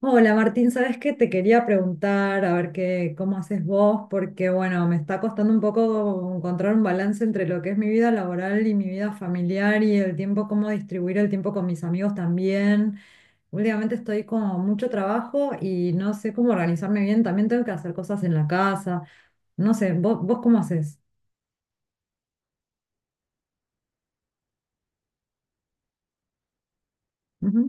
Hola Martín, ¿sabes qué? Te quería preguntar a ver qué, cómo haces vos, porque bueno, me está costando un poco encontrar un balance entre lo que es mi vida laboral y mi vida familiar y el tiempo, cómo distribuir el tiempo con mis amigos también. Últimamente estoy con mucho trabajo y no sé cómo organizarme bien, también tengo que hacer cosas en la casa, no sé, ¿vos cómo haces? Ujú.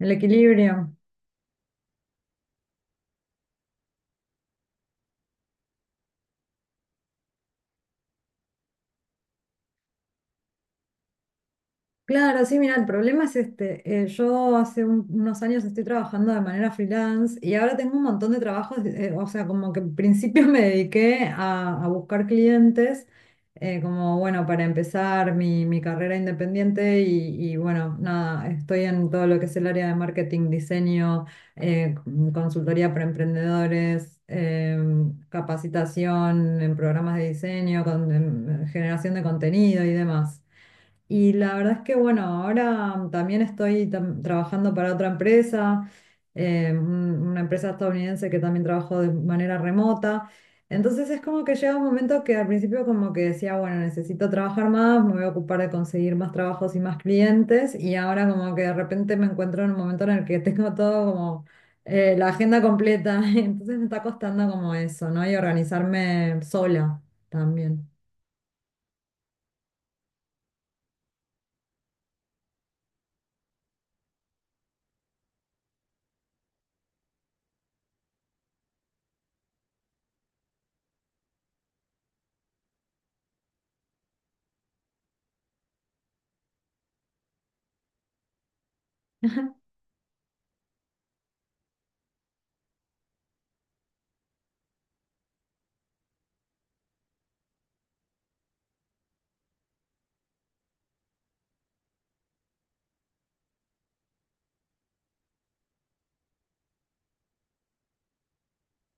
El equilibrio. Claro, sí, mira, el problema es este. Yo hace unos años estoy trabajando de manera freelance y ahora tengo un montón de trabajos, o sea, como que en principio me dediqué a buscar clientes, como bueno, para empezar mi carrera independiente y bueno, nada, estoy en todo lo que es el área de marketing, diseño, eh, consultoría para emprendedores, capacitación en programas de diseño, en generación de contenido y demás. Y la verdad es que, bueno, ahora también estoy trabajando para otra empresa, una empresa estadounidense que también trabajo de manera remota. Entonces es como que llega un momento que al principio como que decía, bueno, necesito trabajar más, me voy a ocupar de conseguir más trabajos y más clientes. Y ahora como que de repente me encuentro en un momento en el que tengo todo como la agenda completa. Entonces me está costando como eso, ¿no? Y organizarme sola también.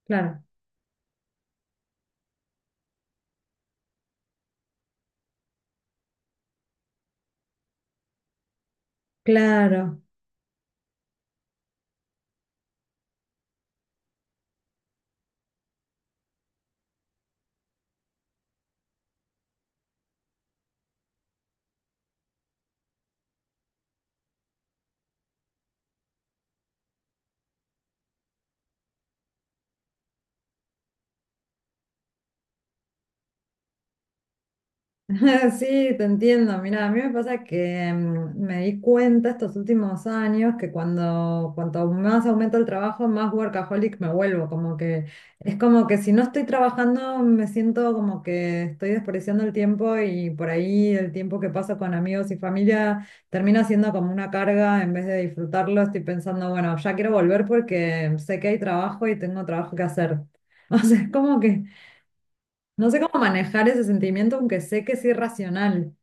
Claro, claro. Sí, te entiendo. Mira, a mí me pasa que me di cuenta estos últimos años que cuando cuanto más aumenta el trabajo, más workaholic me vuelvo. Como que es como que si no estoy trabajando, me siento como que estoy desperdiciando el tiempo y por ahí el tiempo que paso con amigos y familia termina siendo como una carga en vez de disfrutarlo. Estoy pensando, bueno, ya quiero volver porque sé que hay trabajo y tengo trabajo que hacer. O sea, es como que no sé cómo manejar ese sentimiento, aunque sé que es irracional.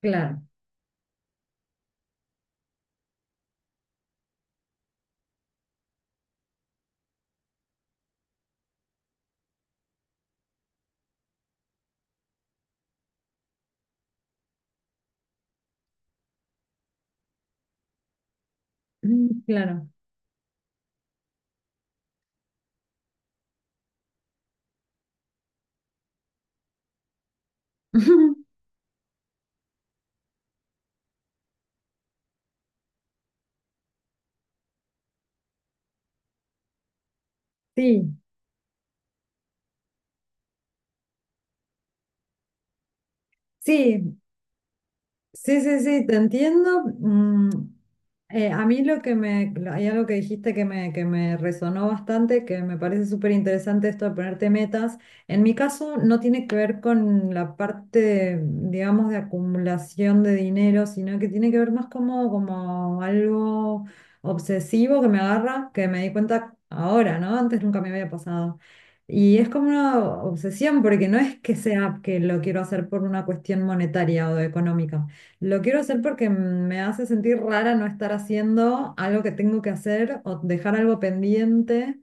Claro, mm, claro. Sí, sí, sí, sí, sí, te entiendo. Mm, a mí lo que hay algo que dijiste que me resonó bastante, que me parece súper interesante esto de ponerte metas. En mi caso no tiene que ver con la parte, de, digamos, de acumulación de dinero, sino que tiene que ver más como, como algo obsesivo que me agarra, que me di cuenta ahora, ¿no? Antes nunca me había pasado. Y es como una obsesión, porque no es que sea que lo quiero hacer por una cuestión monetaria o económica, lo quiero hacer porque me hace sentir rara no estar haciendo algo que tengo que hacer o dejar algo pendiente.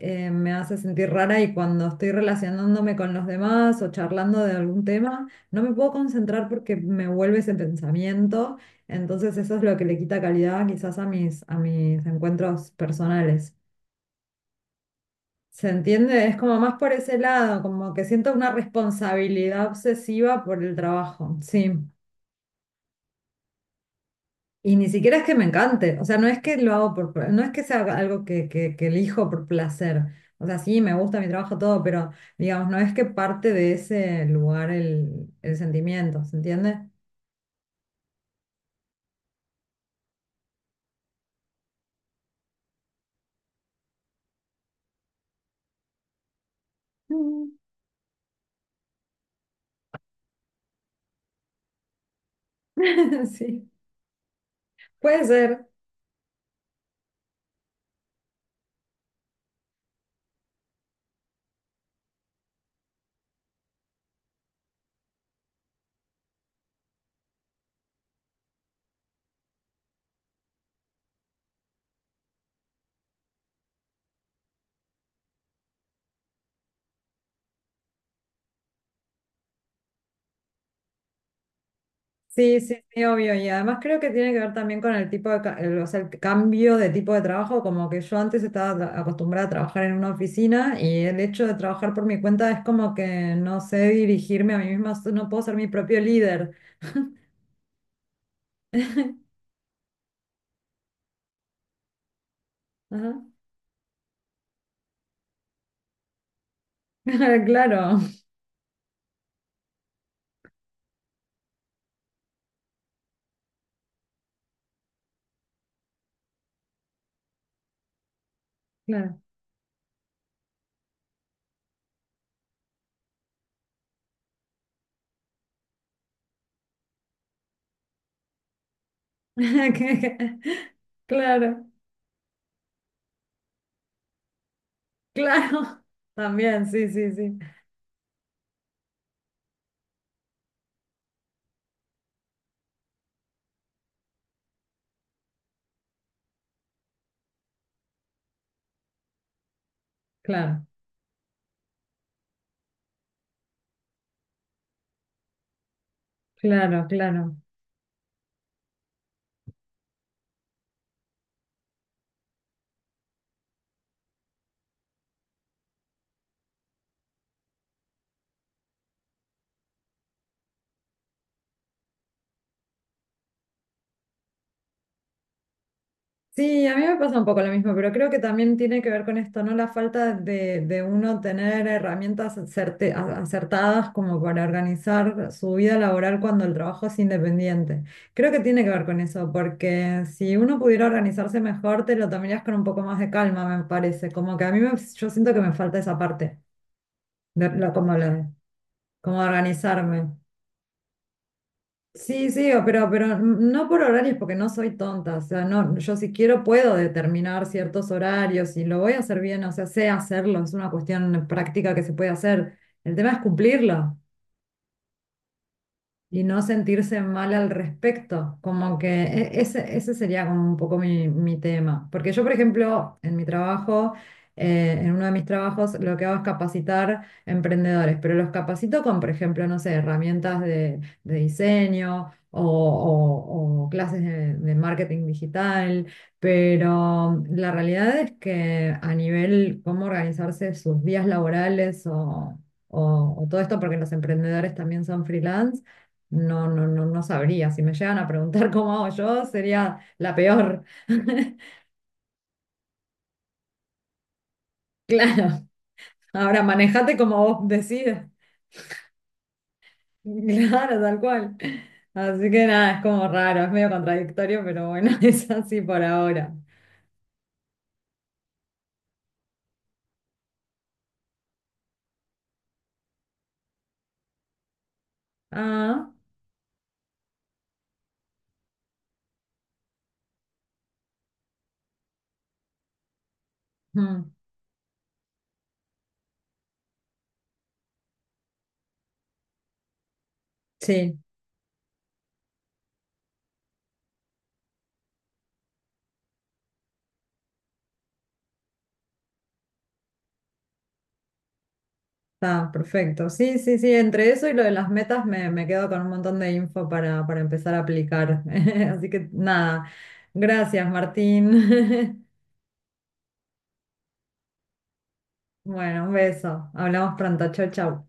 Me hace sentir rara y cuando estoy relacionándome con los demás o charlando de algún tema, no me puedo concentrar porque me vuelve ese pensamiento. Entonces eso es lo que le quita calidad quizás a a mis encuentros personales. ¿Se entiende? Es como más por ese lado, como que siento una responsabilidad obsesiva por el trabajo. Sí. Y ni siquiera es que me encante, o sea, no es que lo hago por, no es que sea algo que elijo por placer, o sea, sí, me gusta mi trabajo, todo, pero digamos, no es que parte de ese lugar el sentimiento, ¿se entiende? Mm. Sí, puede ser, sí, sí, sí, obvio, y además creo que tiene que ver también con el tipo de, o sea, el cambio de tipo de trabajo, como que yo antes estaba acostumbrada a trabajar en una oficina y el hecho de trabajar por mi cuenta es como que no sé dirigirme a mí misma, no puedo ser mi propio líder. Ajá. Claro, claro. Claro, claro. También, sí, sí, sí. Claro, claro, claro. Sí, a mí me pasa un poco lo mismo, pero creo que también tiene que ver con esto, ¿no? La falta de uno tener herramientas acertadas como para organizar su vida laboral cuando el trabajo es independiente. Creo que tiene que ver con eso, porque si uno pudiera organizarse mejor, te lo tomarías con un poco más de calma, me parece. Como que a mí yo siento que me falta esa parte. De, Como organizarme. Sí, sí, pero no por horarios porque no soy tonta. O sea, no, yo si quiero puedo determinar ciertos horarios y lo voy a hacer bien, o sea, sé hacerlo, es una cuestión práctica que se puede hacer. El tema es cumplirlo. Y no sentirse mal al respecto, como que ese sería como un poco mi tema. Porque yo, por ejemplo, en mi trabajo, en uno de mis trabajos, lo que hago es capacitar emprendedores, pero los capacito con, por ejemplo, no sé, herramientas de diseño o clases de marketing digital, pero la realidad es que a nivel cómo organizarse sus días laborales o... o todo esto, porque los emprendedores también son freelance, no, no, no, no sabría. Si me llegan a preguntar cómo hago yo, sería la peor. Claro. Ahora manejate como vos decidas. Claro, tal cual. Así que nada, es como raro, es medio contradictorio, pero bueno, es así por ahora. Ah, mm, sí, está perfecto. Sí, sí, sí, entre eso y lo de las metas me quedo con un montón de info para empezar a aplicar. Así que nada, gracias, Martín. Bueno, un beso. Hablamos pronto. Chau, chau.